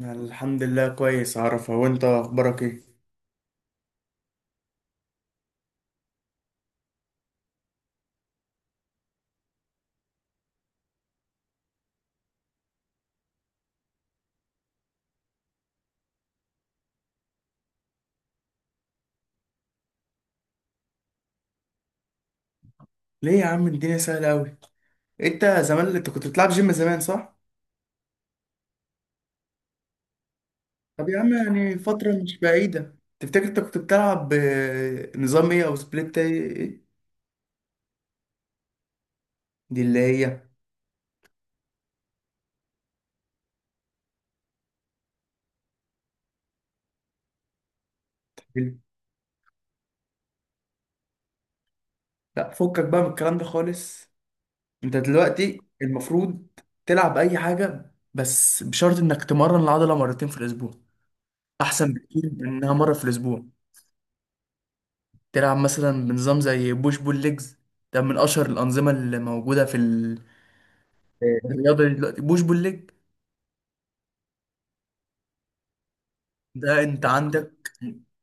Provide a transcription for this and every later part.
الحمد لله كويس، عارفه. وانت اخبارك ايه؟ ليه يا عم؟ الدنيا سهله قوي. انت زمان، انت كنت بتلعب جيم زمان، صح؟ طب يا عم، يعني فتره مش بعيده تفتكر انت كنت بتلعب نظام ايه او سبليت ايه، إيه؟ دي اللي هي. لا، فكك بقى من الكلام ده خالص. انت دلوقتي المفروض تلعب اي حاجه، بس بشرط انك تمرن العضله مرتين في الاسبوع. احسن بكتير من انها مره في الاسبوع. تلعب مثلا بنظام زي بوش بول ليجز. ده من اشهر الانظمه اللي موجوده في الرياضه دي دلوقتي، بوش بول ليج. ده انت عندك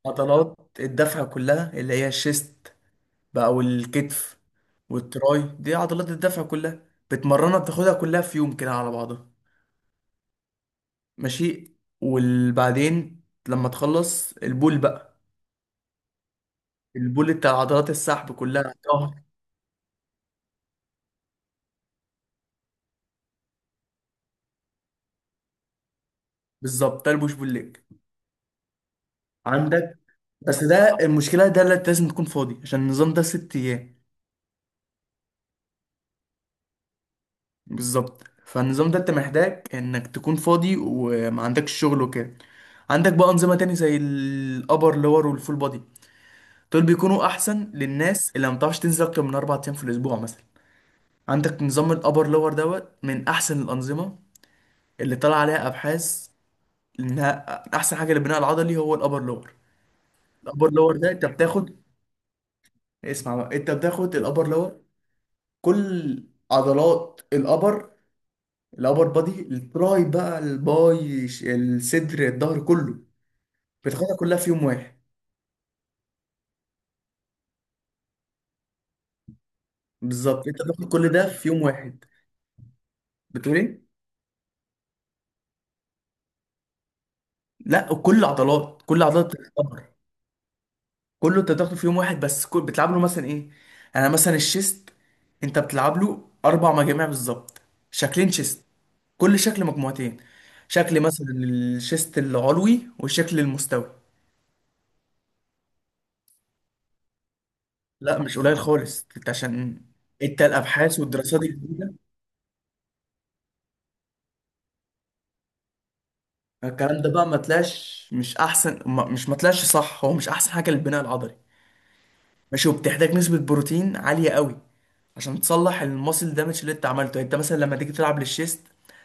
عضلات الدفع كلها اللي هي الشيست بقى والكتف والتراي، دي عضلات الدفع كلها، بتمرنها، بتاخدها كلها في يوم كده على بعضها. ماشي. وبعدين لما تخلص البول بقى، البول بتاع عضلات السحب كلها، ظهر. بالظبط، ده البوش بول ليج. عندك، بس ده المشكله، ده اللي لازم تكون فاضي، عشان النظام ده 6 ايام. بالظبط، فالنظام ده انت محتاج انك تكون فاضي وما عندكش شغل وكده. عندك بقى انظمه تاني زي الابر لور والفول بودي، دول بيكونوا احسن للناس اللي ما بتعرفش تنزل اكتر من 4 ايام في الاسبوع مثلا. عندك نظام الابر لور دوت من احسن الانظمه اللي طلع عليها ابحاث انها احسن حاجه للبناء العضلي، هو الابر لور. الابر لور ده انت بتاخد، اسمع بقى، انت بتاخد الابر لور كل عضلات الابر، الابر بادي، التراي بقى، الباي الصدر، الظهر كله، بتاخدها كلها في يوم واحد. بالظبط، انت بتاخد كل ده في يوم واحد. بتقول ايه؟ لا، كل عضلات بتتكبر، كله انت بتاخده في يوم واحد، بس كل بتلعب له مثلا ايه؟ انا مثلا الشيست انت بتلعب له اربع مجاميع بالظبط، شكلين شيست، كل شكل مجموعتين، شكل مثلا الشيست العلوي والشكل المستوي. لا مش قليل خالص، انت عشان، انت الابحاث والدراسات الجديده، الكلام ده بقى ما طلعش، مش احسن ما- مش ما طلعش صح، هو مش احسن حاجه للبناء العضلي. ماشي، وبتحتاج نسبه بروتين عاليه قوي عشان تصلح الماسل دامج اللي انت عملته. يعني انت مثلا لما تيجي تلعب للشيست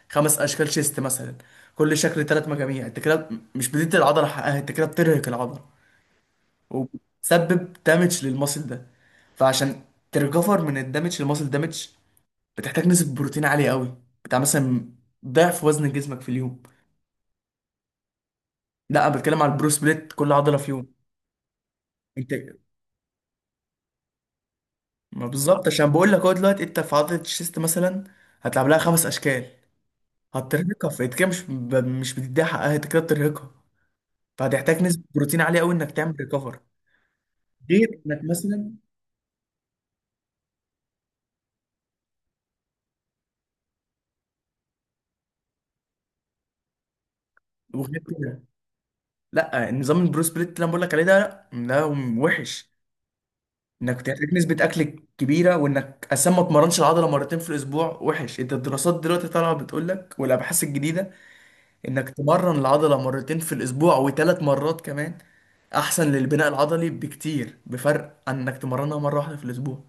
خمس اشكال شيست مثلا، كل شكل ثلاث مجاميع، انت كده مش بتدي العضله حقها، انت كده بترهق العضله وبتسبب دامج للماسل ده. فعشان تريكفر من الدامج للماسل دامج بتحتاج نسبه بروتين عاليه قوي، بتاع مثلا ضعف وزن جسمك في اليوم. لا، انا بتكلم على البرو سبليت، كل عضله في يوم. انت ما بالظبط، عشان بقول لك هو دلوقتي انت في عضله الشيست مثلا هتلعب لها خمس اشكال، هترهقها، فانت كده مش بتديها حقها، انت كده بترهقها. فهتحتاج نسبه بروتين عاليه قوي انك تعمل ريكفر، غير انك مثلا، وغير كده، لا، نظام البرو سبليت اللي انا بقول لك عليه ده، لا، ده وحش انك بتحتاج نسبه اكل كبيره، وانك اصلا ما اتمرنش العضله مرتين في الاسبوع وحش. انت الدراسات دلوقتي طالعه بتقول لك، والابحاث الجديده، انك تمرن العضلة مرتين في الاسبوع وثلاث مرات كمان احسن للبناء العضلي بكتير، بفرق عن انك تمرنها مرة واحدة في الاسبوع.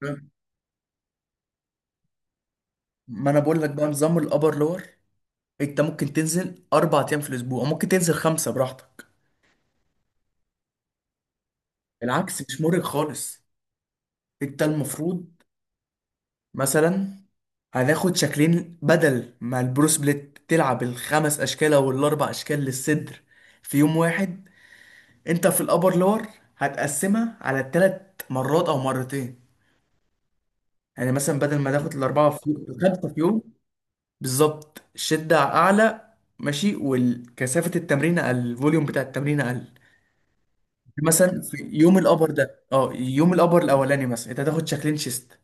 تمام. ما انا بقول لك بقى نظام الابر لور. انت ممكن تنزل 4 ايام في الاسبوع، وممكن تنزل خمسة براحتك. بالعكس، مش مرهق خالص. انت المفروض مثلا، هناخد شكلين بدل ما البرو سبليت تلعب الخمس اشكال او الاربع اشكال للصدر في يوم واحد، انت في الابر لور هتقسمها على ثلاث مرات او مرتين. يعني مثلا بدل ما تاخد الأربعة في يوم، الخمسة في يوم، بالظبط الشدة أعلى، ماشي، والكثافة التمرين أقل، الفوليوم بتاع التمرين أقل. مثلا في يوم الأبر ده، اه، يوم الأبر الأولاني مثلا أنت هتاخد شكلين شيست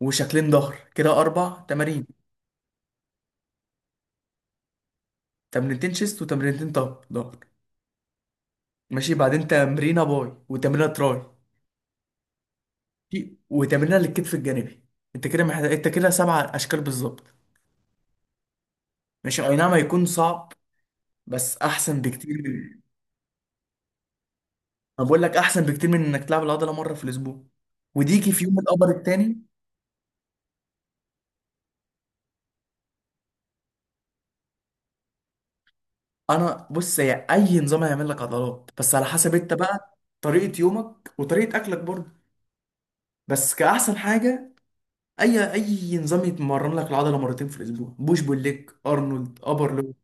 وشكلين ظهر، كده أربع تمارين، تمرينتين شيست وتمرينتين طب ظهر، ماشي. بعدين تمرينة باي وتمرينة تراي وتمرينة للكتف الجانبي. أنت كده محتاج، أنت كده سبع أشكال بالظبط. ماشي، أي نعم هيكون صعب، بس أحسن بكتير. انا بقول لك احسن بكتير من انك تلعب العضله مره في الاسبوع، وديكي في يوم القبر التاني. انا بص، هي اي نظام هيعمل لك عضلات، بس على حسب انت بقى طريقه يومك وطريقه اكلك برضه. بس كاحسن حاجه، اي نظام يتمرن لك العضله مرتين في الاسبوع، بوش بول ليج، ارنولد، ابر لور.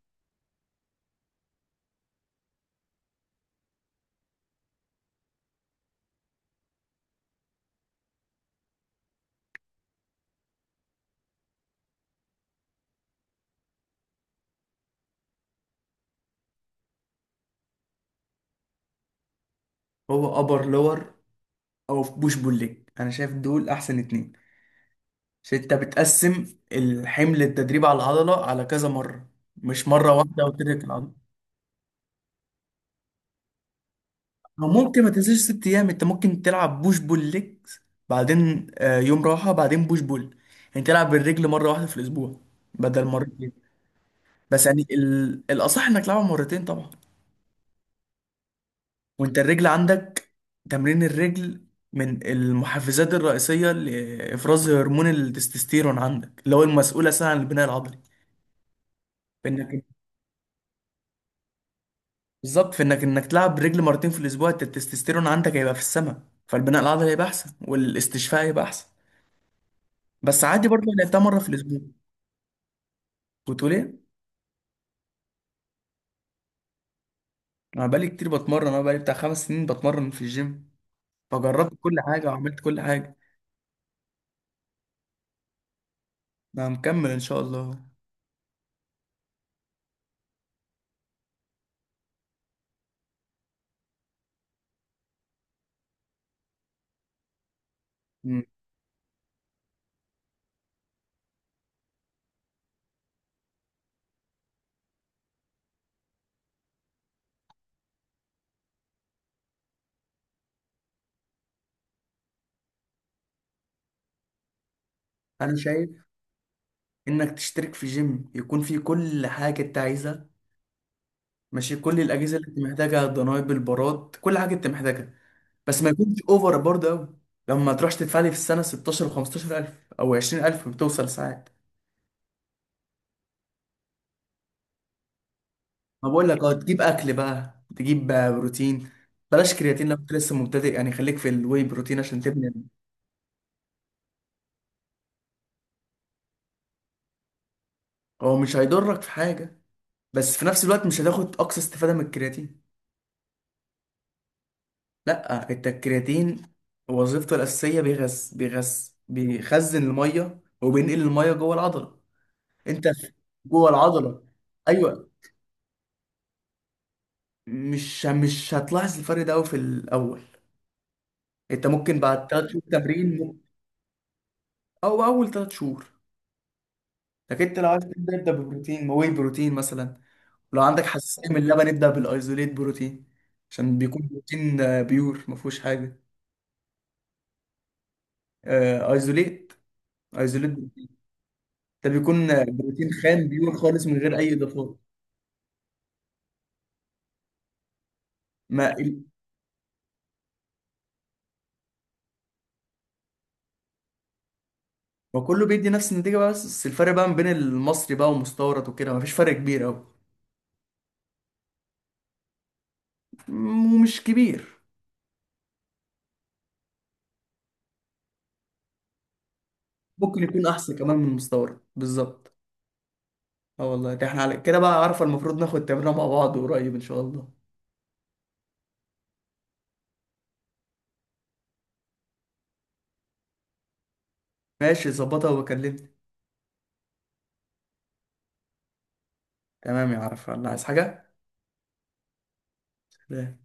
هو ابر لور او بوش بول ليج، انا شايف دول احسن اتنين، عشان انت بتقسم الحمل التدريب على العضله على كذا مره، مش مره واحده وتدرك العضله. أو ممكن ما تنزلش 6 ايام، انت ممكن تلعب بوش بول ليجز، بعدين يوم راحه، بعدين بوش بول، يعني تلعب بالرجل مره واحده في الاسبوع بدل مرتين. بس يعني الاصح انك تلعبها مرتين طبعا. وانت الرجل عندك، تمرين الرجل من المحفزات الرئيسيه لافراز هرمون التستوستيرون عندك، اللي هو المسؤول اساسا عن البناء العضلي. فانك، بالظبط، فانك انك تلعب بالرجل مرتين في الاسبوع، انت التستوستيرون عندك هيبقى في السماء، فالبناء العضلي هيبقى احسن والاستشفاء هيبقى احسن. بس عادي برضه، أنا لعبتها مره في الاسبوع. كنت بقول ايه؟ انا بقالي كتير بتمرن، انا بقالي بتاع 5 سنين بتمرن في الجيم، فجربت كل حاجه وعملت كل حاجه. انا مكمل ان شاء الله. مم. انا شايف انك تشترك في جيم يكون فيه كل حاجه انت عايزها، ماشي، كل الاجهزه اللي انت محتاجها، الدنابل، البارات، كل حاجه انت محتاجها. بس ما يكونش اوفر برضه قوي، لما تروحش تدفع لي في السنه 16 و 15,000 او 20,000، بتوصل ساعات. ما بقول لك اه، تجيب اكل بقى، تجيب بروتين. بلاش كرياتين لو انت لسه مبتدئ، يعني خليك في الواي بروتين عشان تبني. هو مش هيضرك في حاجه، بس في نفس الوقت مش هتاخد اقصى استفاده من الكرياتين. لا، انت الكرياتين وظيفته الاساسيه بيغذي، بيخزن الميه وبينقل الميه جوه العضله. انت في- جوه العضله، ايوه. مش هتلاحظ الفرق ده أوي في الاول. انت ممكن بعد 3 شهور تمرين او اول 3 شهور. لكن انت لو عايز تبدا، ابدا ببروتين، واي بروتين مثلا. لو عندك حساسيه من اللبن، ابدا بالايزوليت بروتين، عشان بيكون بروتين بيور ما فيهوش حاجه. ايزوليت. ايزوليت ده بيكون بروتين خام بيور خالص من غير اي اضافات. ما ال- ما كله بيدي نفس النتيجه بقى، بس الفرق بقى ما بين المصري بقى والمستورد وكده ما فيش فرق كبير قوي، ومش كبير، ممكن يكون احسن كمان من المستورد، بالظبط. اه والله، ده احنا على كده بقى، عارفه المفروض ناخد تمرينه مع بعض قريب ان شاء الله. ماشي، ظبطها وبكلمك. تمام يا عرفة، الله، عايز حاجة؟ لا.